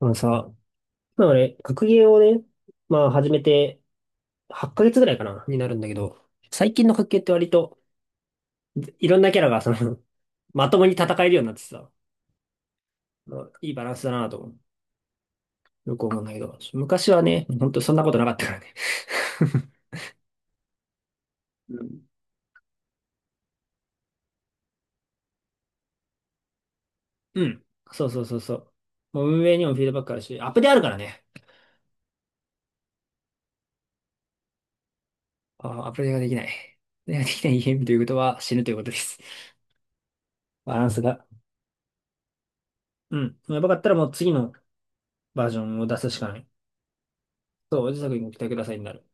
あのさ、まあ俺、学芸をね、まあ始めて8ヶ月ぐらいかな、になるんだけど、最近の学芸って割といろんなキャラがまともに戦えるようになってさ、いいバランスだなと思う。よく思うんだけど、昔はね、ほんとそんなことなかったからね。うん。うん、そうそうそうそう。もう運営にもフィードバックあるし、アップデーあるからね。あ、アップデーができない。アップデーができないゲームということは死ぬということです。バランスが。うん。やばかったらもう次のバージョンを出すしかない。そう、おじさくにご期待くださいになる。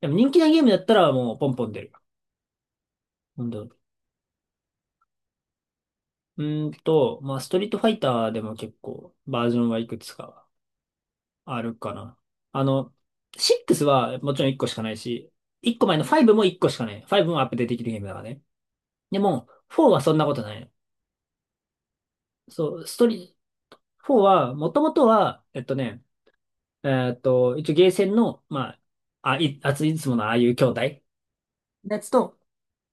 でも人気なゲームだったらもうポンポン出る。なんだろう。まあ、ストリートファイターでも結構バージョンはいくつかあるかな。あの、6はもちろん1個しかないし、1個前の5も1個しかない。5もアップデートできるゲームだからね。でも、4はそんなことないの。そう、ストリ、4は、もともとは、えっとね、えっと、一応ゲーセンの、まあ、いつものああいう兄弟のやつと、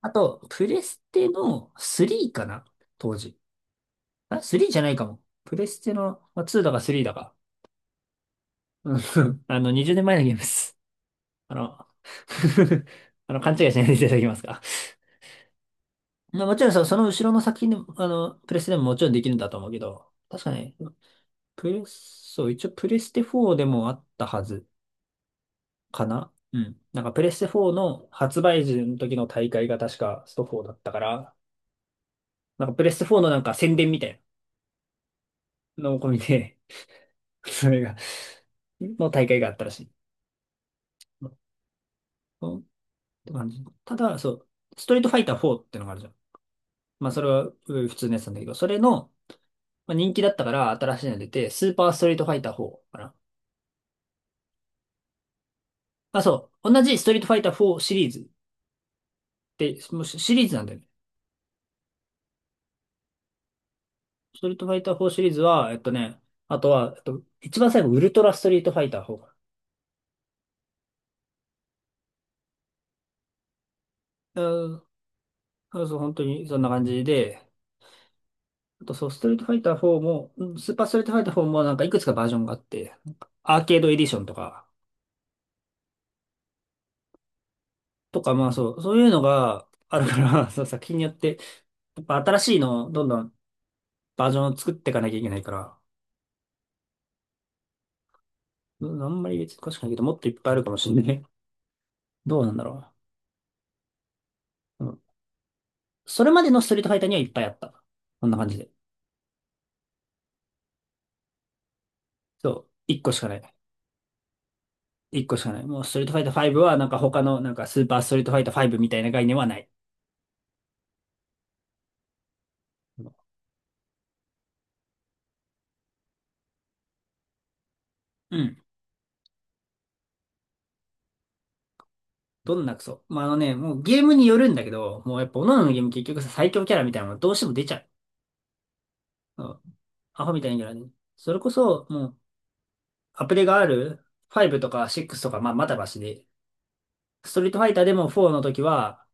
あと、プレステの3かな、当時。あ、3じゃないかも。プレステの、まあ、2だか3だか。うん。 20年前のゲームです。あの、勘違いしないでいただきますか？まあ、もちろんその後ろの作品でも、プレステでももちろんできるんだと思うけど、確かね、プレス、そう、一応プレステ4でもあったはずかな。うん。なんかプレステ4の発売時の時の大会が確かスト4だったから、なんかプレステ4のなんか宣伝みたいなのを込みで、それが、の大会があったらしい。って感じ。ただ、そう、ストリートファイター4ってのがあるじゃん。まあ、それはうん普通のやつなんだけど、それの、まあ、人気だったから新しいの出て、スーパーストリートファイター4かな。あ、そう、同じストリートファイター4シリーズって、もうシシリーズなんだよね。ストリートファイター4シリーズは、あとは、一番最後、ウルトラストリートファイター4かな。うん、そう、そう本当にそんな感じで、あとそう、ストリートファイター4も、うんスーパーストリートファイター4もなんかいくつかバージョンがあって、アーケードエディションとか、まあそう、そういうのがあるから、そう、作品によって、やっぱ新しいのをどんどんバージョンを作っていかなきゃいけないから、うん、あんまり別に詳しくないけど、もっといっぱいあるかもしれない。どうなんだろう。うん、それまでのストリートファイターにはいっぱいあった。こんな感じで。そう、一個しかない。一個しかない。もうストリートファイター5はなんか他のなんかスーパーストリートファイター5みたいな概念はない。うん。どんなクソ。まあ、もうゲームによるんだけど、もうやっぱ各々のゲーム結局さ、最強キャラみたいなのがどうしても出ちゃう。うん。アホみたいなキャラね。それこそ、もう、アプリがある5とか6とか、まあ、まだましで、ストリートファイターでも4の時は、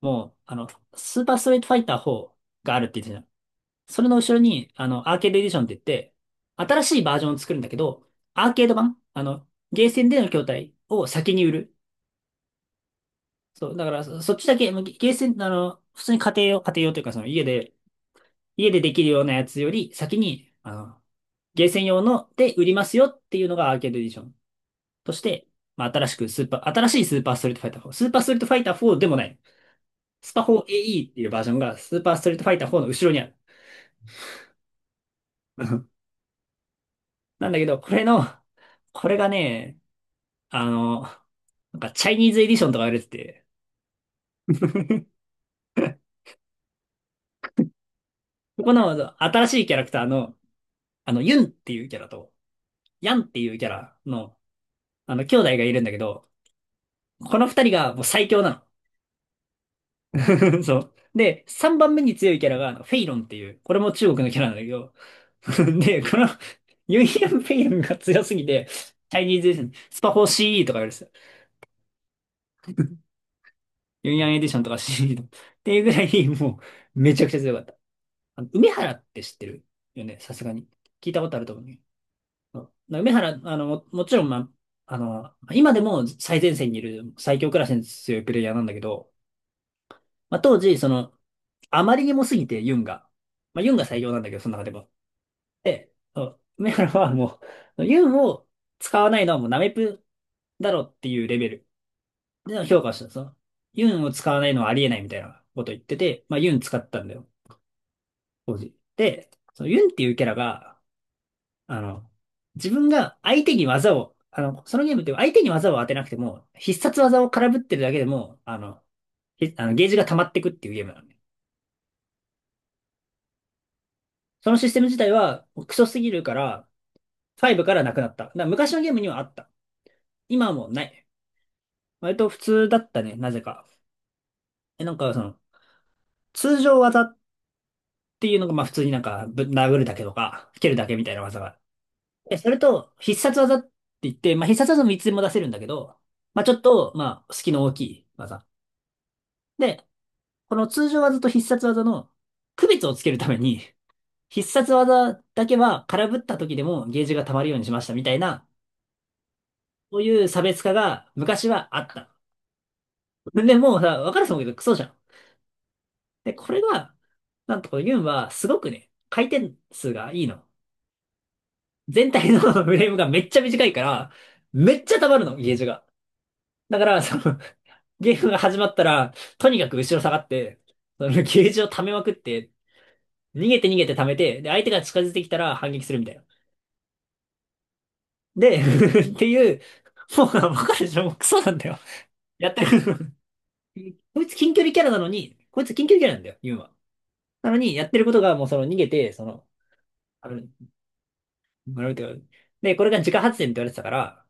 もう、スーパーストリートファイター4があるって言ってたじゃん。それの後ろに、アーケードエディションって言って、新しいバージョンを作るんだけど、アーケード版、ゲーセンでの筐体を先に売る。そう、だからそっちだけ、もうゲゲーセン、普通に家庭用、家庭用というか、その家で、家でできるようなやつより先に、ゲーセン用ので売りますよっていうのがアーケードエディション、として、まあ、新しいスーパーストリートファイター4。スーパーストリートファイター4でもない。スパ 4AE っていうバージョンがスーパーストリートファイター4の後ろにある。なんだけど、これがね、あの、なんかチャイニーズエディションとか言われてて、ここの新しいキャラクターの、ユンっていうキャラと、ヤンっていうキャラの、兄弟がいるんだけど、この二人がもう最強なの。そう。で、三番目に強いキャラが、フェイロンっていう、これも中国のキャラなんだけど、で、このユンヤンペイヤンが強すぎて、チャイニーズエディション、スパフォーしーイーとか言われてた。ユンヤンエディションとか CD とか、っていうぐらい、もう、めちゃくちゃ強かった。あの梅原って知ってるよね、さすがに。聞いたことあると思うね。そうな梅原、もちろん、まあ、今でも最前線にいる最強クラスに強いプレイヤーなんだけど、まあ、当時、あまりにもすぎて、ユンが。まあ、ユンが最強なんだけど、その中でも。で、そう梅原はもう、ユンを使わないのはもうナメプだろっていうレベルで評価をしたんですよ。ユンを使わないのはありえないみたいなこと言ってて、まあユン使ったんだよ、当時。で、そのユンっていうキャラが、あの、自分が相手に技を、そのゲームって相手に技を当てなくても、必殺技を空振ってるだけでも、あの、ひあのゲージが溜まってくっていうゲームなんで。そのシステム自体はクソすぎるから、5からなくなった。だから昔のゲームにはあった。今はもうない。割と普通だったね、なぜか。なんか通常技っていうのが、まあ普通になんか、殴るだけとか、蹴るだけみたいな技が。それと、必殺技って言って、まあ必殺技もいつでも出せるんだけど、まあちょっと、まあ、隙の大きい技。で、この通常技と必殺技の区別をつけるために、必殺技だけは空振った時でもゲージが溜まるようにしましたみたいな、そういう差別化が昔はあった。でもうさ、わかると思うけど、クソじゃん。で、これが、なんとこのユンは、すごくね、回転数がいいの。全体の フレームがめっちゃ短いから、めっちゃ溜まるの、ゲージが。だから、ゲームが始まったら、とにかく後ろ下がって、そのゲージを溜めまくって、逃げて逃げて溜めて、で、相手が近づいてきたら反撃するみたいな。で、っていう、もう、わかるでしょ、もうクソなんだよ。やってる。こいつ近距離キャラなのに、こいつ近距離キャラなんだよ、ユンは。なのに、やってることがもうその逃げて、あの学ぶとで、これが自家発電って言われてたから、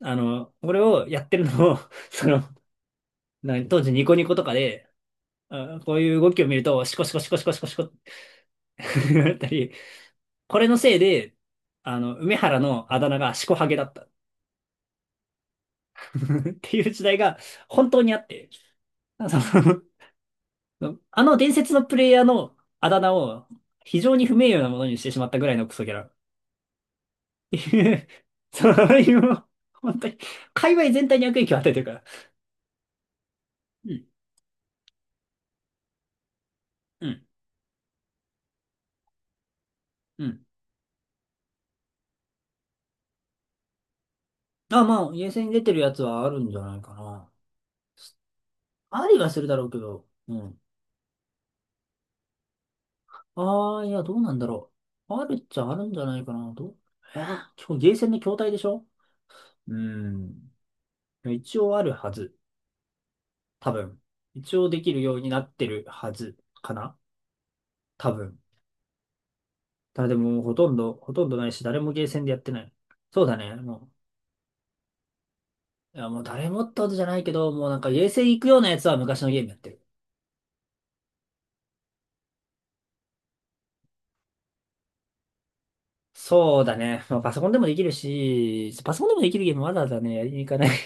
これをやってるのを その、当時ニコニコとかで、あこういう動きを見ると、シコシコシコシコシコシコって なったり、これのせいで、梅原のあだ名がシコハゲだった っていう時代が本当にあって、そのあの伝説のプレイヤーのあだ名を非常に不名誉なものにしてしまったぐらいのクソギャラっていう、それい本当に、界隈全体に悪影響を与えてるから。うんうんうん。あ、まあ、厳選に出てるやつはあるんじゃないかな。ありはするだろうけど。うん。ああ、いや、どうなんだろう。あるっちゃあるんじゃないかな。どうえー、今日ゲーセンの筐体でしょ？うん。一応あるはず。多分。一応できるようになってるはずかな、多分。ただでも、ほとんどないし、誰もゲーセンでやってない。そうだね。もう、いや、もう誰もってことじゃないけど、もうなんかゲーセン行くようなやつは昔のゲームやってる。そうだね。まあ、パソコンでもできるし、パソコンでもできるゲームわざわざね、やりに行かない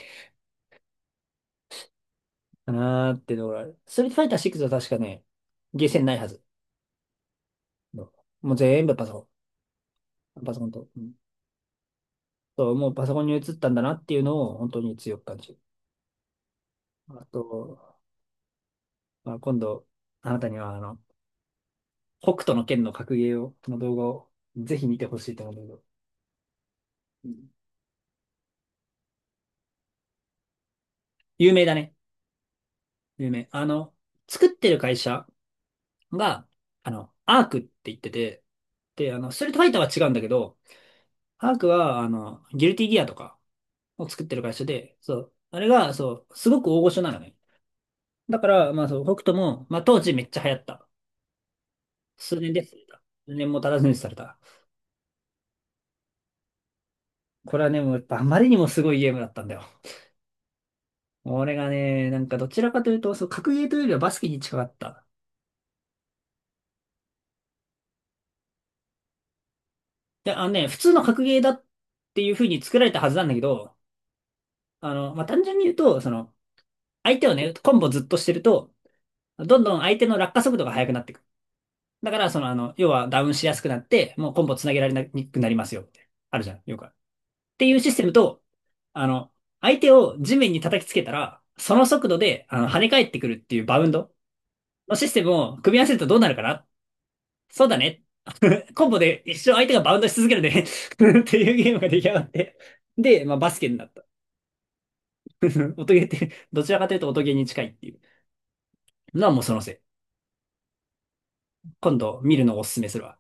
かなーってところある。ストリートファイター6は確かね、ゲーセンないはず。もう全部パソコン。パソコンと。うん、そう、もうパソコンに移ったんだなっていうのを本当に強く感じる。あと、まあ、今度、あなたには北斗の拳の格ゲーを、の動画をぜひ見てほしいと思うんだけど。うん、有名だね。有名。作ってる会社が、アークって言ってて、で、ストリートファイターは違うんだけど、アークは、ギルティギアとかを作ってる会社で、そう。あれが、そう、すごく大御所なのね。だから、まあそう、北斗も、まあ当時めっちゃ流行った。数年で廃れた。数年も経たずにされた。これはね、もうやっぱあまりにもすごいゲームだったんだよ。俺がね、なんかどちらかというと、そう、格ゲーというよりはバスケに近かった。いやあのね、普通の格ゲーだっていう風に作られたはずなんだけど、まあ単純に言うと、相手をね、コンボずっとしてると、どんどん相手の落下速度が速くなってくる。だから、要はダウンしやすくなって、もうコンボつなげられにくくなりますよって。あるじゃん、よくある。っていうシステムと、あの、相手を地面に叩きつけたら、その速度で、跳ね返ってくるっていうバウンドのシステムを組み合わせるとどうなるかな？そうだね。コンボで一生相手がバウンドし続けるね。 っていうゲームが出来上がって。で、まあ、バスケになった。音ゲーって、どちらかというと音ゲーに近いっていうのはもうそのせい。今度見るのをおすすめするわ。